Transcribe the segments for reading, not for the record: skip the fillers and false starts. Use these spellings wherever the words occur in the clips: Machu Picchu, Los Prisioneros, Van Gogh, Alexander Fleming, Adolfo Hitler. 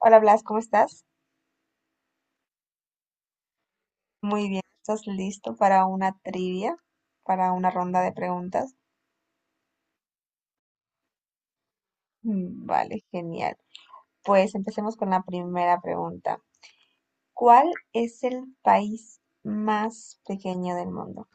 Hola Blas, ¿cómo estás? Muy bien, ¿estás listo para una trivia, para una ronda de preguntas? Mm, vale, genial. Pues empecemos con la primera pregunta. ¿Cuál es el país más pequeño del mundo?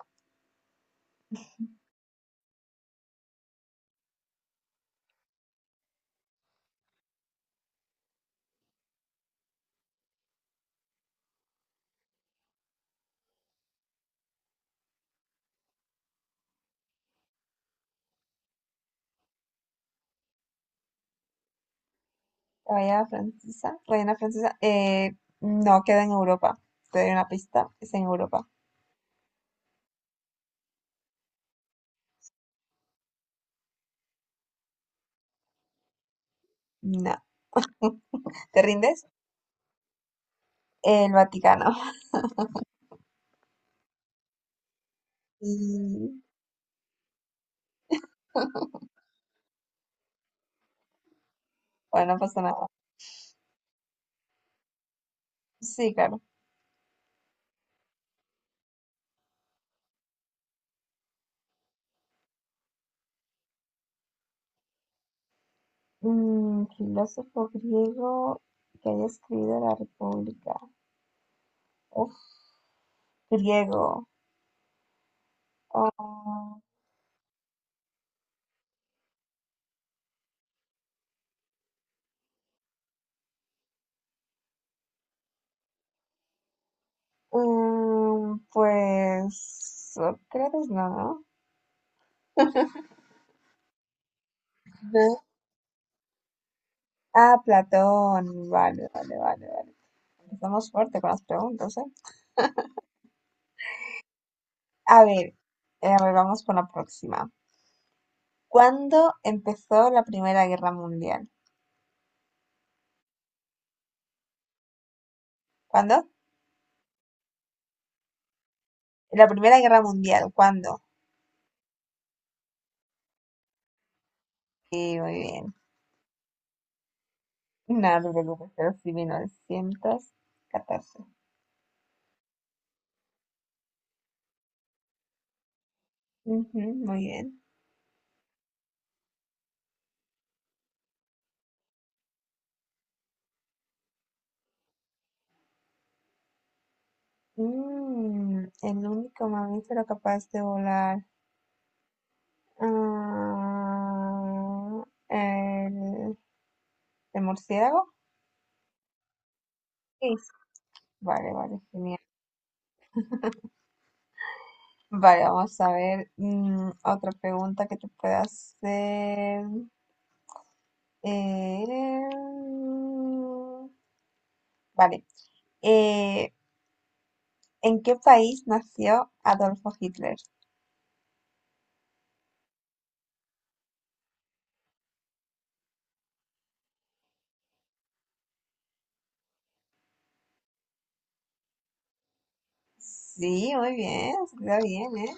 ¿Guayana Francesa? ¿Guayana Francesa? No, queda en Europa. Te doy una pista, es en Europa. No. ¿Te rindes? El Vaticano. Y, bueno, no pasa nada. Sí, claro. Filósofo griego que haya escrito la República. Uf, griego. Ah, pues Sócrates, no, ¿no? No. Ah, Platón. Vale, vale, vale, vale. Estamos fuerte con las preguntas, ¿eh? A ver, a ver, vamos con la próxima. ¿Cuándo empezó la Primera Guerra Mundial? ¿Cuándo? La Primera Guerra Mundial, ¿cuándo? Sí, muy bien. No, no te preocupes, pero sí, 1914. Ujú, muy bien. El único mamífero capaz de volar. Ah, el, el murciélago. Sí. Vale, vale, genial. Vale, vamos a ver otra pregunta que te pueda hacer. Eh, vale. Eh, ¿en qué país nació Adolfo Hitler? Sí, muy bien, se te da bien, ¿eh?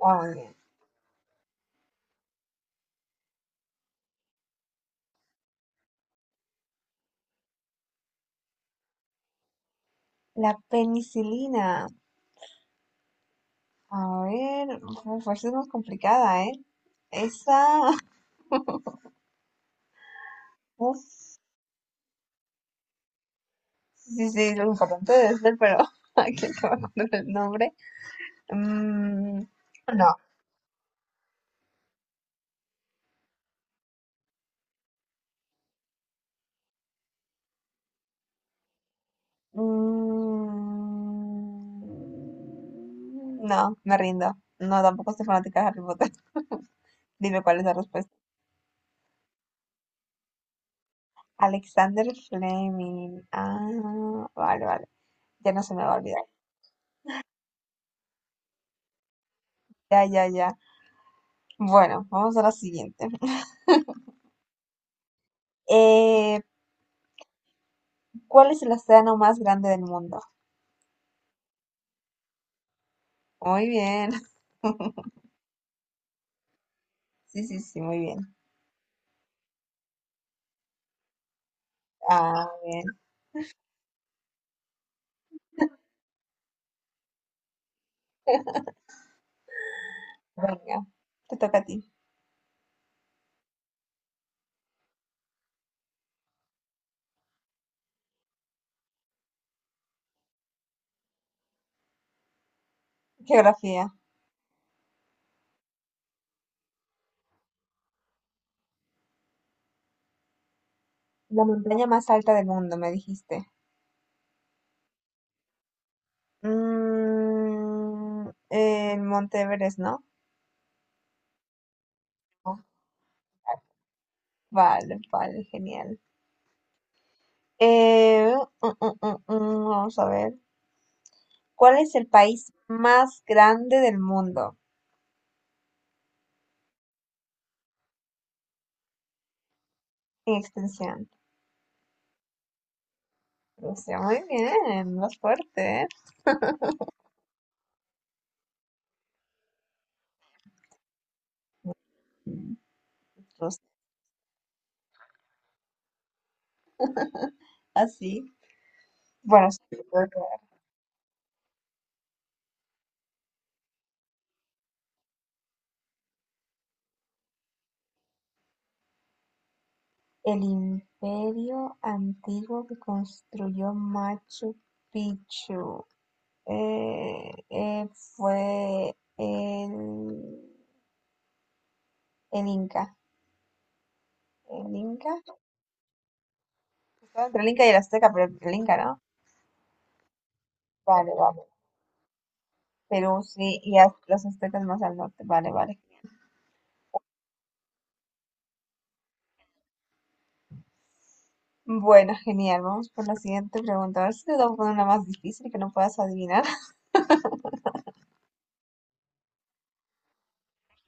Ah, muy bien. La penicilina. A ver, uf, esa es más complicada, ¿eh? Esa, uf, sí, sí, lo importante debe ser, pero aquí no me acuerdo el nombre. Mm, no. Mm, no, me rindo. No, tampoco soy fanática de Harry Potter. Dime cuál es la respuesta. Alexander Fleming. Ah, vale, vale. Ya no se me va a olvidar. Ya, ya, ya. Bueno, vamos a la siguiente. Eh, ¿cuál es el océano más grande del mundo? Muy bien. Sí, sí, sí, muy bien. Ah, bien. Venga, te toca a ti. Geografía. La montaña más alta del mundo, me dijiste. El Monte Everest, ¿no? Oh, vale, vale, genial. Eh, vamos a ver. ¿Cuál es el país más grande del mundo en extensión? Rusia, muy bien, más fuerte, ¿eh? Mm, Rusia, así. Bueno, sí. El imperio antiguo que construyó Machu Picchu fue el Inca. El Inca estaba entre el Inca y el Azteca, pero el Inca, ¿no? Vale, vale. Perú, sí, y los aztecas más al norte. Vale, vale. Bueno, genial. Vamos por la siguiente pregunta. A ver si te puedo poner una más difícil que no puedas adivinar.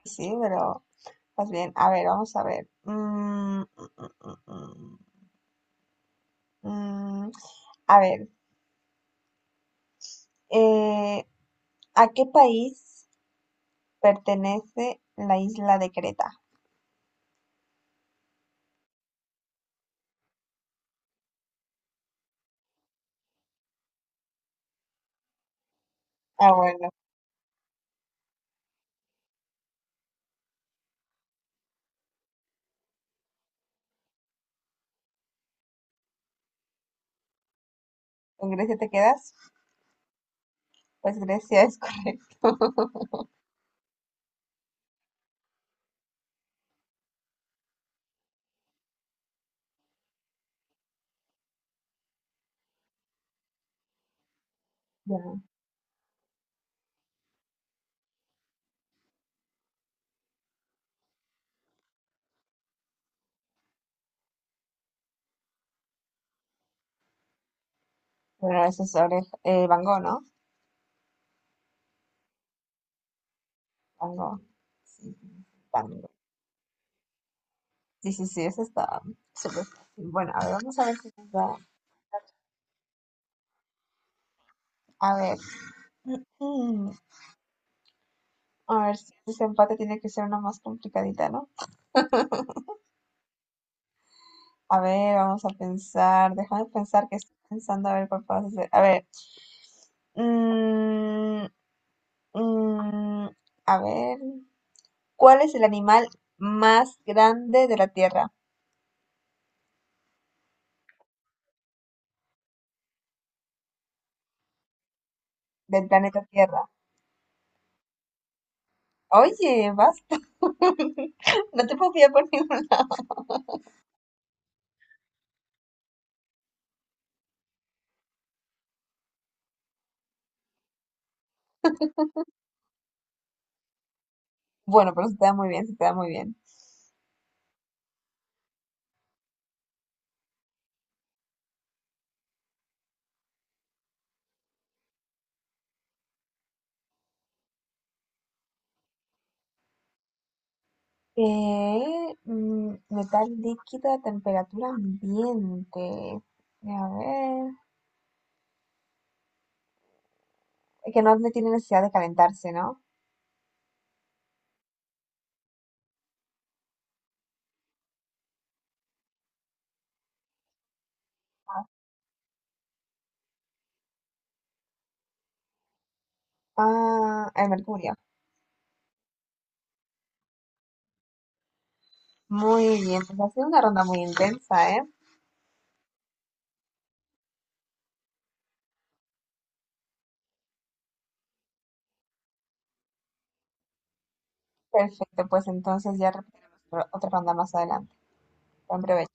Sí, pero pues bien. A ver, vamos a ver. Mm, mm, mm. Mm, a ver, Eh, ¿a qué país pertenece la isla de Creta? Ah, bueno, ¿con Grecia te quedas? Pues Grecia es correcto. Ya. Bueno, eso es sobre Van Gogh, ¿no? Van Gogh. Sí, Van Gogh. Sí, sí, sí, eso está súper fácil. Bueno, a ver, vamos a ver si nos da. A ver. mm, a ver, si ese empate tiene que ser una más complicadita, ¿no? A ver, vamos a pensar. Déjame pensar que estoy pensando a ver cuál puedo hacer. A ver. mm, Mm, a ver, ¿cuál es el animal más grande de la Tierra, del planeta Tierra? Oye, basta. No te puedo pillar por ningún lado. Bueno, pero se te da muy bien, se te da muy bien. Metal líquido a temperatura ambiente. A ver, es que no tiene necesidad de calentarse, ¿no? Ah, el mercurio. Muy bien, pues ha sido una ronda muy intensa, ¿eh? Perfecto, pues entonces ya repetiremos otra ronda más adelante. Gran